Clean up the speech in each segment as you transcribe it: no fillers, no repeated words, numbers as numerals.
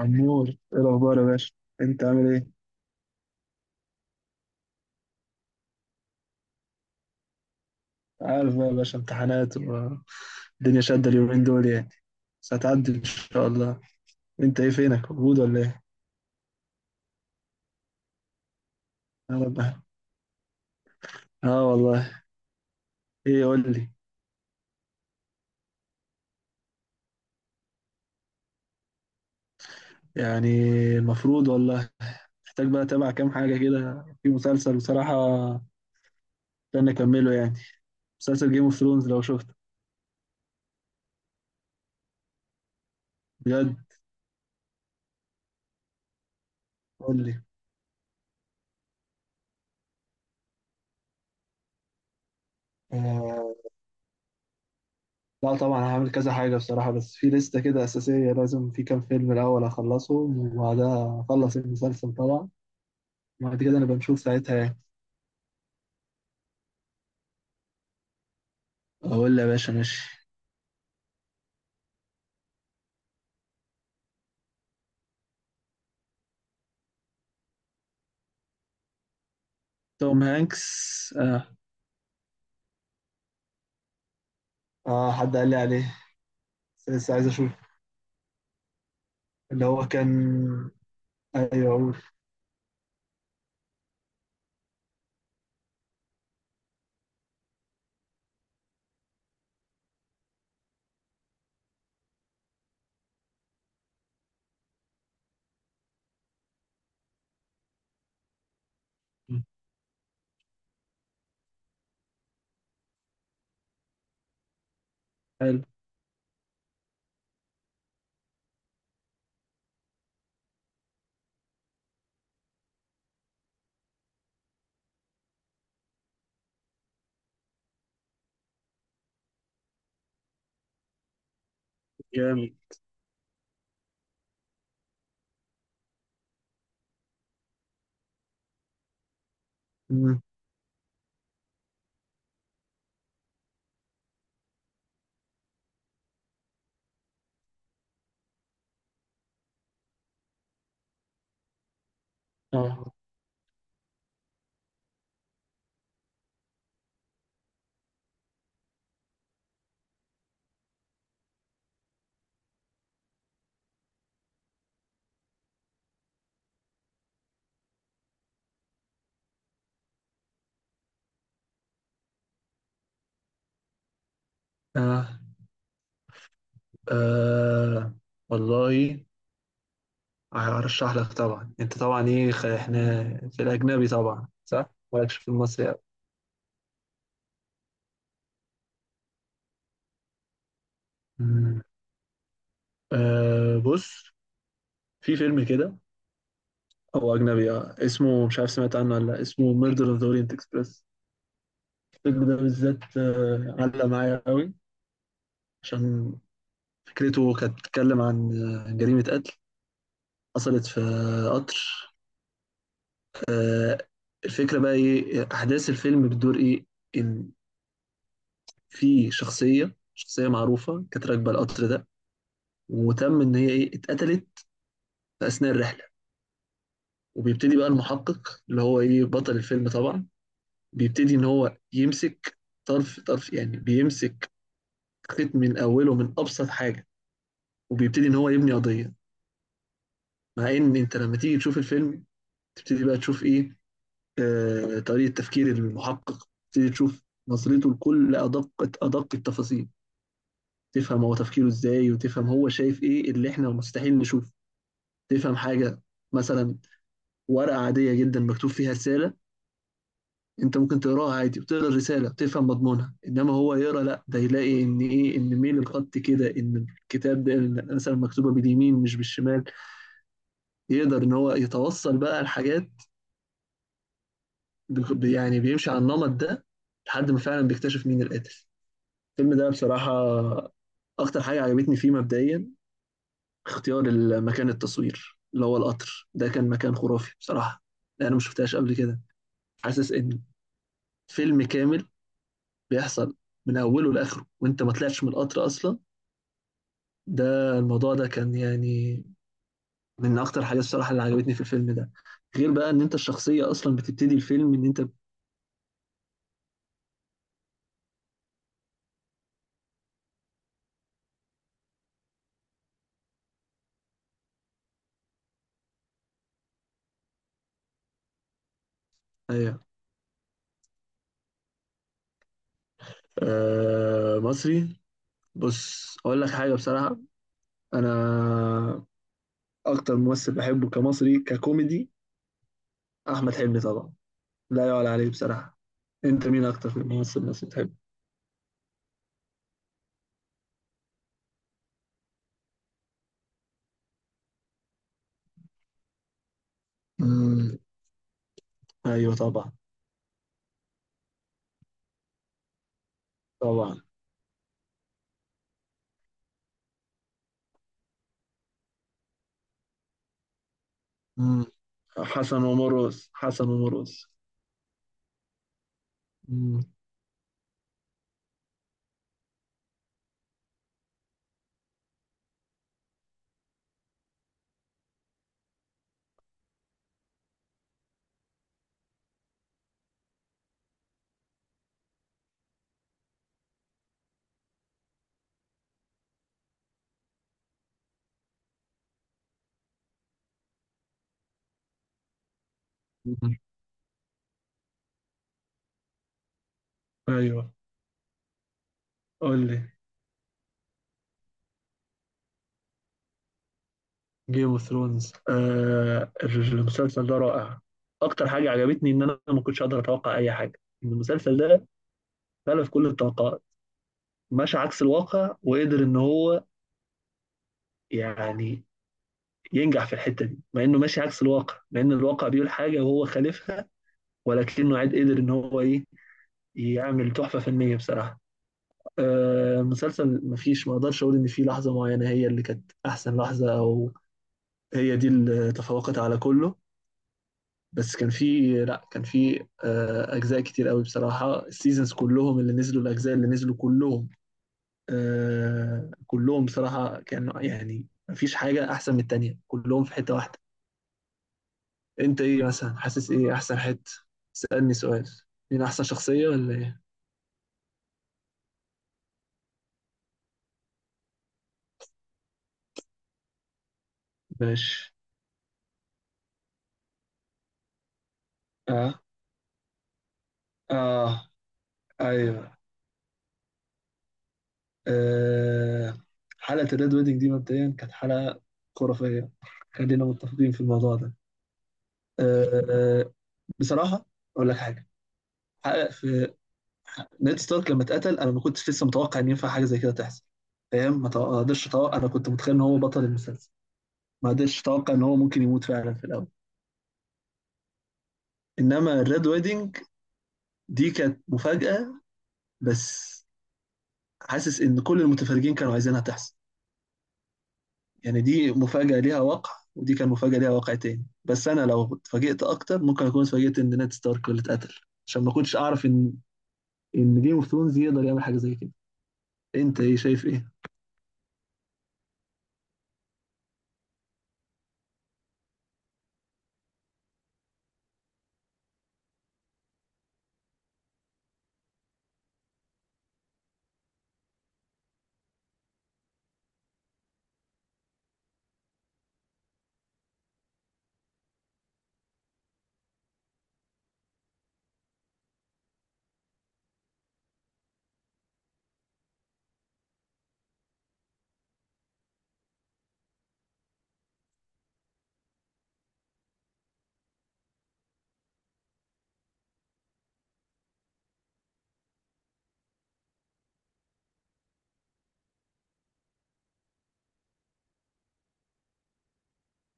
عمور، ايه الاخبار يا باشا؟ انت عامل ايه؟ عارف بقى يا باشا، امتحانات والدنيا شادة اليومين دول يعني، بس هتعدي ان شاء الله. انت ايه، فينك؟ موجود ولا ايه؟ يا رب. اه والله. ايه، قول لي. يعني المفروض والله، محتاج بقى اتابع كام حاجة كده في مسلسل بصراحة، استنى اكمله يعني. مسلسل جيم اوف ثرونز، لو شفته بجد قول لي. آه لا طبعا هعمل كذا حاجة بصراحة، بس في لستة كده أساسية، لازم في كام فيلم الأول أخلصهم وبعدها أخلص المسلسل طبعا. بعد كده نبقى نشوف ساعتها يعني. اقول له يا باشا ماشي. توم هانكس، اه. اه، حد قال لي عليه، بس لسه عايز اشوف. اللي هو كان. ايوه، اقول. حلو. جامد. مم. اه. اه. آه، والله هرشح لك طبعا. انت طبعا ايه، احنا في الاجنبي طبعا صح، مالكش في المصري أوي. مم. آه بص، في فيلم كده هو اجنبي آه. اسمه، مش عارف سمعت عنه ولا لا، اسمه ميردر اوف ذا اورينت اكسبريس. الفيلم ده بالذات علق معايا قوي، عشان فكرته كانت بتتكلم عن جريمة قتل حصلت في قطر. آه، الفكرة بقى إيه، أحداث الفيلم بتدور إيه؟ إن في شخصية معروفة كانت راكبة القطر ده، وتم إن هي إيه، اتقتلت في أثناء الرحلة. وبيبتدي بقى المحقق، اللي هو إيه، بطل الفيلم طبعا، بيبتدي إن هو يمسك طرف يعني، بيمسك خيط من أوله، من أبسط حاجة، وبيبتدي إن هو يبني قضية. مع ان انت لما تيجي تشوف الفيلم، تبتدي بقى تشوف ايه، آه، طريقه تفكير المحقق، تبتدي تشوف نظرته لكل ادق التفاصيل. تفهم هو تفكيره ازاي، وتفهم هو شايف ايه اللي احنا مستحيل نشوفه. تفهم حاجه مثلا، ورقه عاديه جدا مكتوب فيها رساله، انت ممكن تقراها عادي وتقرا الرساله وتفهم مضمونها، انما هو يقرا لا، ده يلاقي ان ايه، ان ميل الخط كده، ان الكتاب ده مثلا مكتوبه باليمين مش بالشمال. يقدر ان هو يتوصل بقى لحاجات. يعني بيمشي على النمط ده، لحد ما فعلا بيكتشف مين القاتل. الفيلم ده بصراحة، أكتر حاجة عجبتني فيه مبدئيا، اختيار مكان التصوير. اللي هو القطر ده كان مكان خرافي بصراحة، لأن أنا ما شفتهاش قبل كده. حاسس إن فيلم كامل بيحصل من أوله لآخره، وأنت ما طلعتش من القطر أصلا. ده الموضوع ده كان يعني من أكتر حاجات الصراحة اللي عجبتني في الفيلم ده، غير بقى إن أنت الشخصية أصلا بتبتدي الفيلم إن أنت. أيوه. آه، مصري. بص أقول لك حاجة بصراحة، انا اكتر ممثل بحبه كمصري ككوميدي احمد حلمي طبعا، لا يعلى عليه بصراحه. انت مين اكتر ممثل مصري بتحبه؟ امم. ايوه طبعا. طبعا. امم. حسن ومرقص، حسن ومرقص. امم. أمم. ايوه، قول لي. جيم اوف ثرونز، آه، المسلسل ده رائع. اكتر حاجه عجبتني ان انا ما كنتش اقدر اتوقع اي حاجه، إن المسلسل ده خلف كل التوقعات، مشى عكس الواقع، وقدر ان هو يعني ينجح في الحتة دي، مع انه ماشي عكس الواقع، مع ان الواقع بيقول حاجة وهو خالفها، ولكنه عاد قدر ان هو ايه، يعمل تحفة فنية بصراحة. آه مسلسل مفيش، ما اقدرش اقول ان في لحظة معينة هي اللي كانت احسن لحظة، او هي دي اللي تفوقت على كله. بس كان في لا كان في آه اجزاء كتير قوي بصراحة. السيزونز كلهم اللي نزلوا، الاجزاء اللي نزلوا كلهم، آه، كلهم بصراحة كانوا يعني مفيش حاجة احسن من التانية، كلهم في حتة واحدة. انت ايه مثلا، حاسس ايه احسن حته؟ سألني سؤال، مين احسن شخصيه ولا ايه؟ ماشي. اه. اه. ايوه. آه. حلقة الريد ويدنج دي مبدئيا كانت حلقة خرافية، خلينا متفقين في الموضوع ده. آه. آه، بصراحة اقول لك حاجة، حلقة في نيد ستارك لما اتقتل، انا ما كنتش لسه متوقع ان ينفع حاجة زي كده تحصل. فاهم؟ ما قدرتش اتوقع، انا كنت متخيل ان هو بطل المسلسل، ما قدرتش اتوقع ان هو ممكن يموت فعلا في الاول. انما الريد ويدنج دي كانت مفاجأة بس، حاسس ان كل المتفرجين كانوا عايزينها تحصل. يعني دي مفاجأة ليها واقع، ودي كان مفاجأة ليها واقع تاني، بس انا لو اتفاجئت اكتر ممكن اكون اتفاجئت ان نيد ستارك هو اللي اتقتل. عشان ما كنتش اعرف ان ان جيم اوف ثرونز يقدر يعمل حاجة زي كده. انت ايه، شايف ايه؟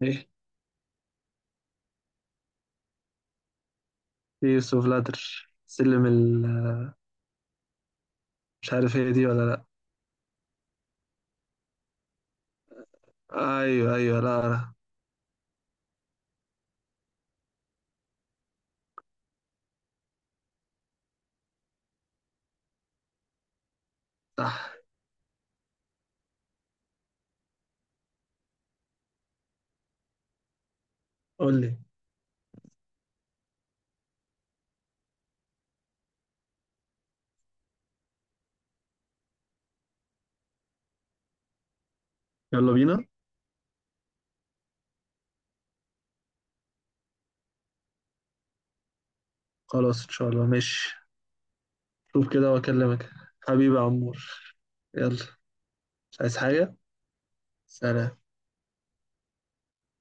ايه، ايه اوف لاتر سلم ال، مش عارف هي دي ولا لا. ايوه ايوه، لا لا. صح. قول لي. يلا بينا. خلاص ان شاء الله، ماشي. شوف كده واكلمك. حبيبي يا عمور. يلا. مش عايز حاجة. سلام.